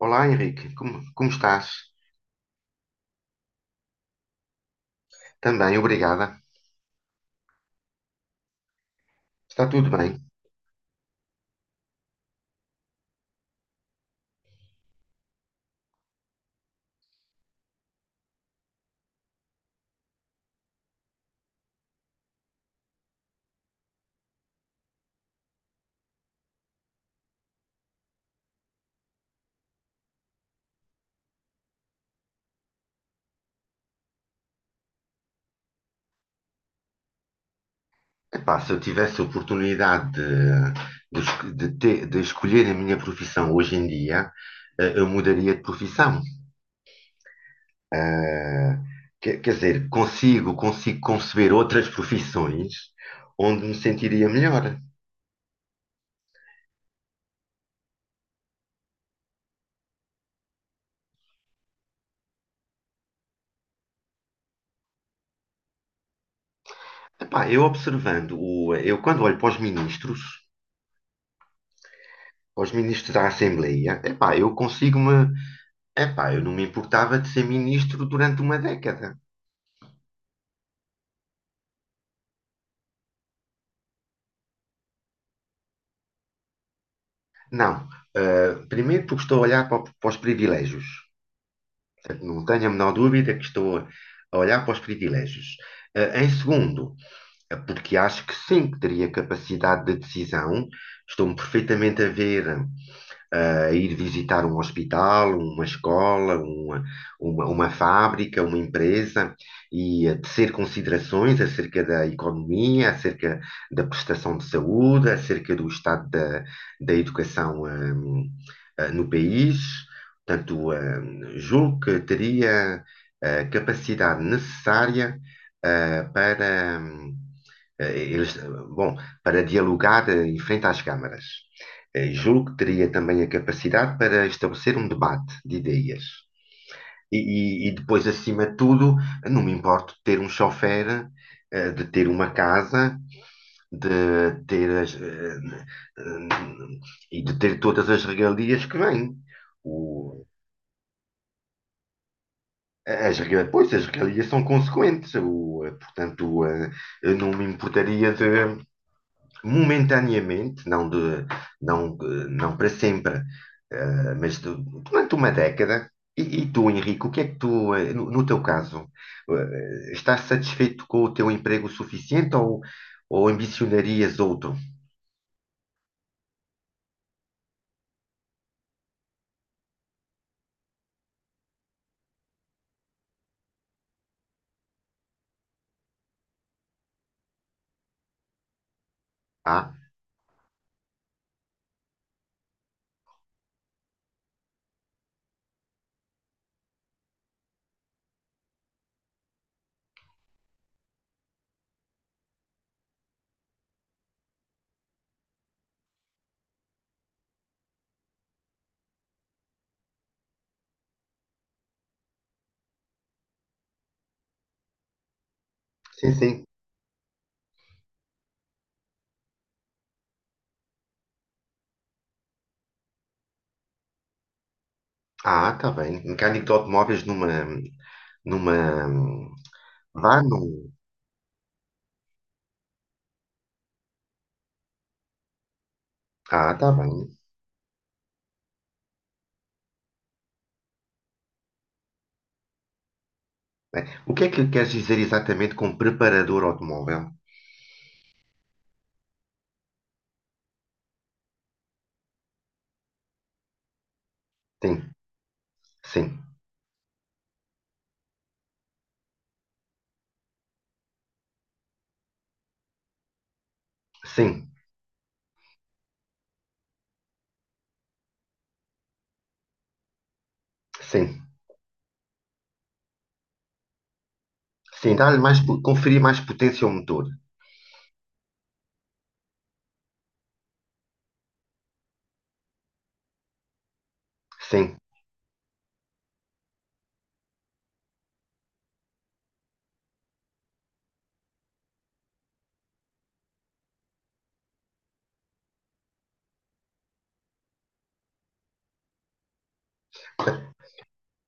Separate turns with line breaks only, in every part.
Olá Henrique, como estás? Também, obrigada. Está tudo bem? Epá, se eu tivesse a oportunidade de es- de ter- de escolher a minha profissão hoje em dia, eu mudaria de profissão. Eh, quer dizer, consigo conceber outras profissões onde me sentiria melhor. Epá, eu eu quando olho para os ministros da Assembleia, epá, eu consigo-me. Epá, eu não me importava de ser ministro durante uma década. Não. Primeiro porque estou a olhar para os privilégios. Portanto, não tenho a menor dúvida que a olhar para os privilégios. Em segundo, porque acho que sim, que teria capacidade de decisão. Estou-me perfeitamente a ver a ir visitar um hospital, uma escola, uma fábrica, uma empresa e a tecer considerações acerca da economia, acerca da prestação de saúde, acerca do da educação. No país. Portanto, julgo que teria a capacidade necessária eh, para, hum, eh, eles, bom, para dialogar em frente às câmaras. Julgo que teria também a capacidade para estabelecer um debate de ideias. E, e depois, acima de tudo, não me importo de ter um chofer, de ter uma casa, de ter as, eh, e de ter todas as regalias que vêm. O, As regras, pois, as regalias são consequentes, portanto, eu não me importaria de, momentaneamente, não para sempre, eh, mas de- durante uma década. E tu, Henrique, o que é que tu, no, no teu caso, estás satisfeito com o teu emprego suficiente ou ambicionarias outro? Ah, sim, sim. Ah, tá bem. Mecânico de automóveis numa, num, ah, tá bem. Né? O que é que queres dizer exatamente com preparador automóvel? Sim, sim, sim, sim, sim. Conferir mais potência ao motor. Sim.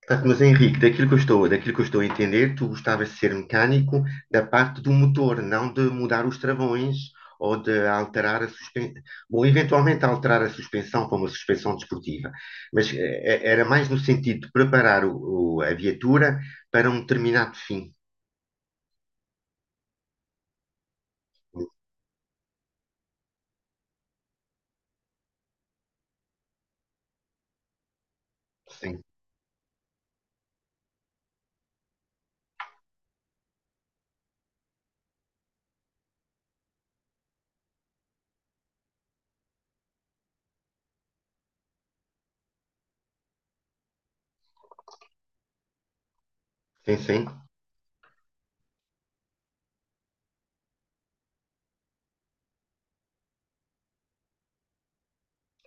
Portanto, mas Henrique, daquilo que eu estou a entender, tu gostavas de ser mecânico da parte do motor, não de mudar os travões ou de alterar a suspensão. Bom, eventualmente alterar a suspensão para uma suspensão desportiva, mas era mais no sentido de preparar a viatura para um determinado fim. Sim, sim, sim,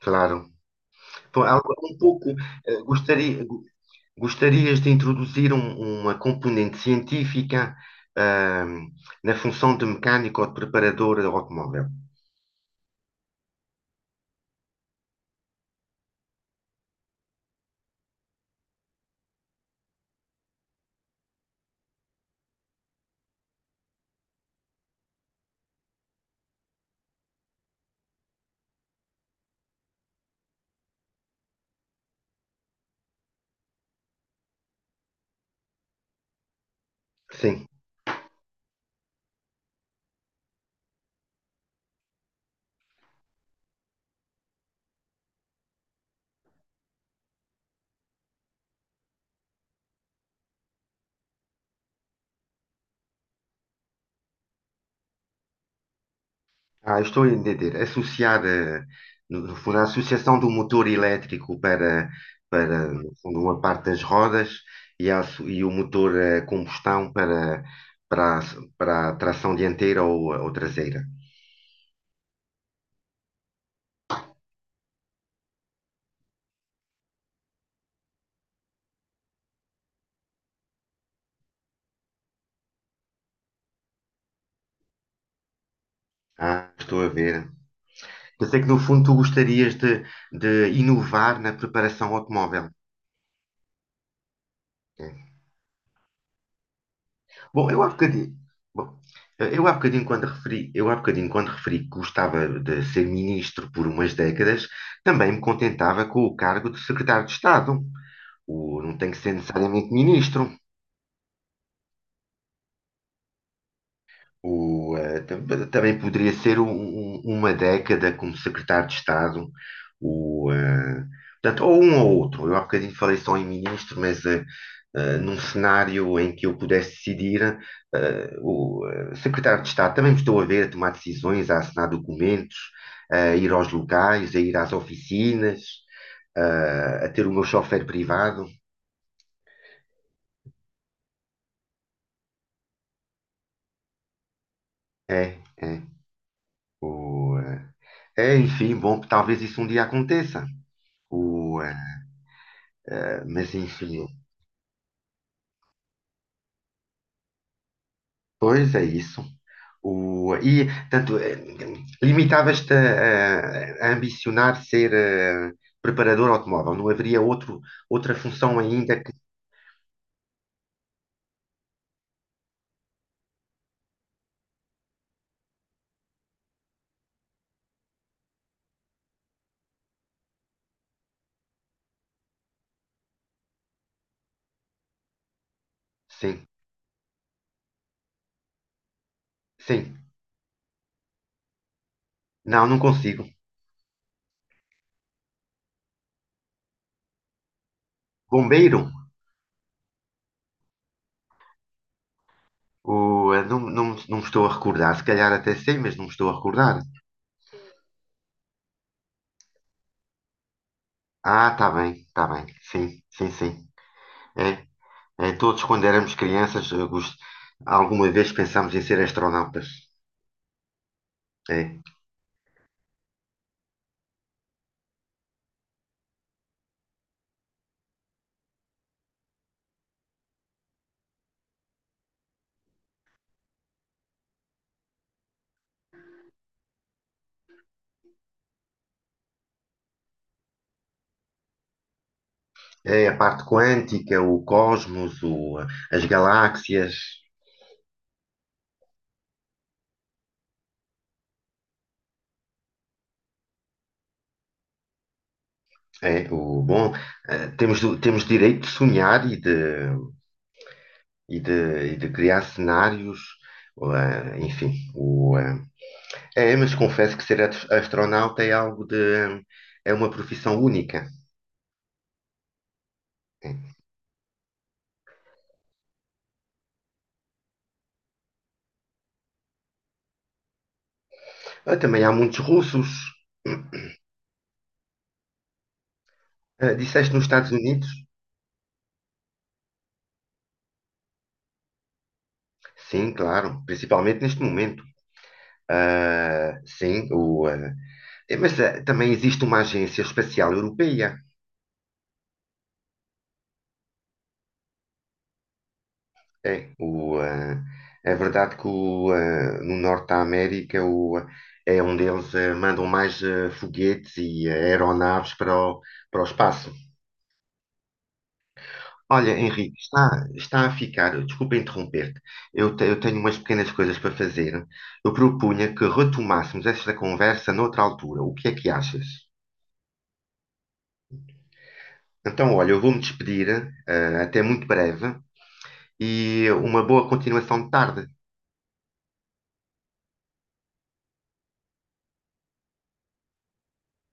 claro. Então, agora um pouco, eh, gostaria, go- gostarias de introduzir uma componente científica, ahm, na função de mecânico ou de preparador de automóvel? Sim. Ah, estou a entender. Associar, no no fundo, a associação do motor elétrico para, para, no fundo, uma parte das rodas e, e o motor a combustão para, a- para a tração dianteira ou traseira. Ah, estou a ver. Eu sei que no fundo tu gostarias de inovar na preparação automóvel. É. Bom, eu há bocadinho, bom, eu há bocadinho quando referi, eu há bocadinho quando referi que gostava de ser ministro por umas décadas, também me contentava com o cargo de secretário de Estado. Não tem que ser necessariamente ministro. O, eh, tam- Também poderia ser uma década como secretário de Estado, o, eh, portanto, ou um ou outro. Eu há bocadinho falei só em ministro, mas num cenário em que eu pudesse decidir, eh, o secretário de Estado também me estou a ver a tomar decisões, a assinar documentos, a ir aos locais, a ir às oficinas, a ter o meu chofer privado. É, é. O, eh, É, enfim, bom, talvez isso um dia aconteça. O, Mas enfim, pois é isso. E, tanto, limitavas-te a ambicionar ser preparador automóvel, não haveria outro, outra função ainda que. Sim, sim. Não, não consigo. Bombeiro? Não, não, não me estou a recordar. Se calhar até sei, mas não me estou a recordar. Ah, tá bem, tá bem. Sim, sim, sim. É, é, todos quando éramos crianças, alguma vez pensámos em ser astronautas. É. É a parte quântica, o cosmos, as galáxias, é o bom. Temos, temos direito de sonhar e de, e de, e de criar cenários, enfim. É, mas confesso que ser astronauta é algo de, é uma profissão única. É. Ah, também há muitos russos. Disseste nos Estados Unidos? Sim, claro, principalmente neste momento. Ah, sim, o, ah, eh, É, mas também existe uma agência espacial europeia. É, o, ah, É verdade que no Norte da América é onde eles mandam mais foguetes e aeronaves para o espaço. Olha, Henrique, está, está a ficar, desculpa interromper-te, eu tenho umas pequenas coisas para fazer. Eu propunha que retomássemos esta conversa noutra altura. O que é que achas? Então, olha, eu vou-me despedir, até muito breve e uma boa continuação de tarde.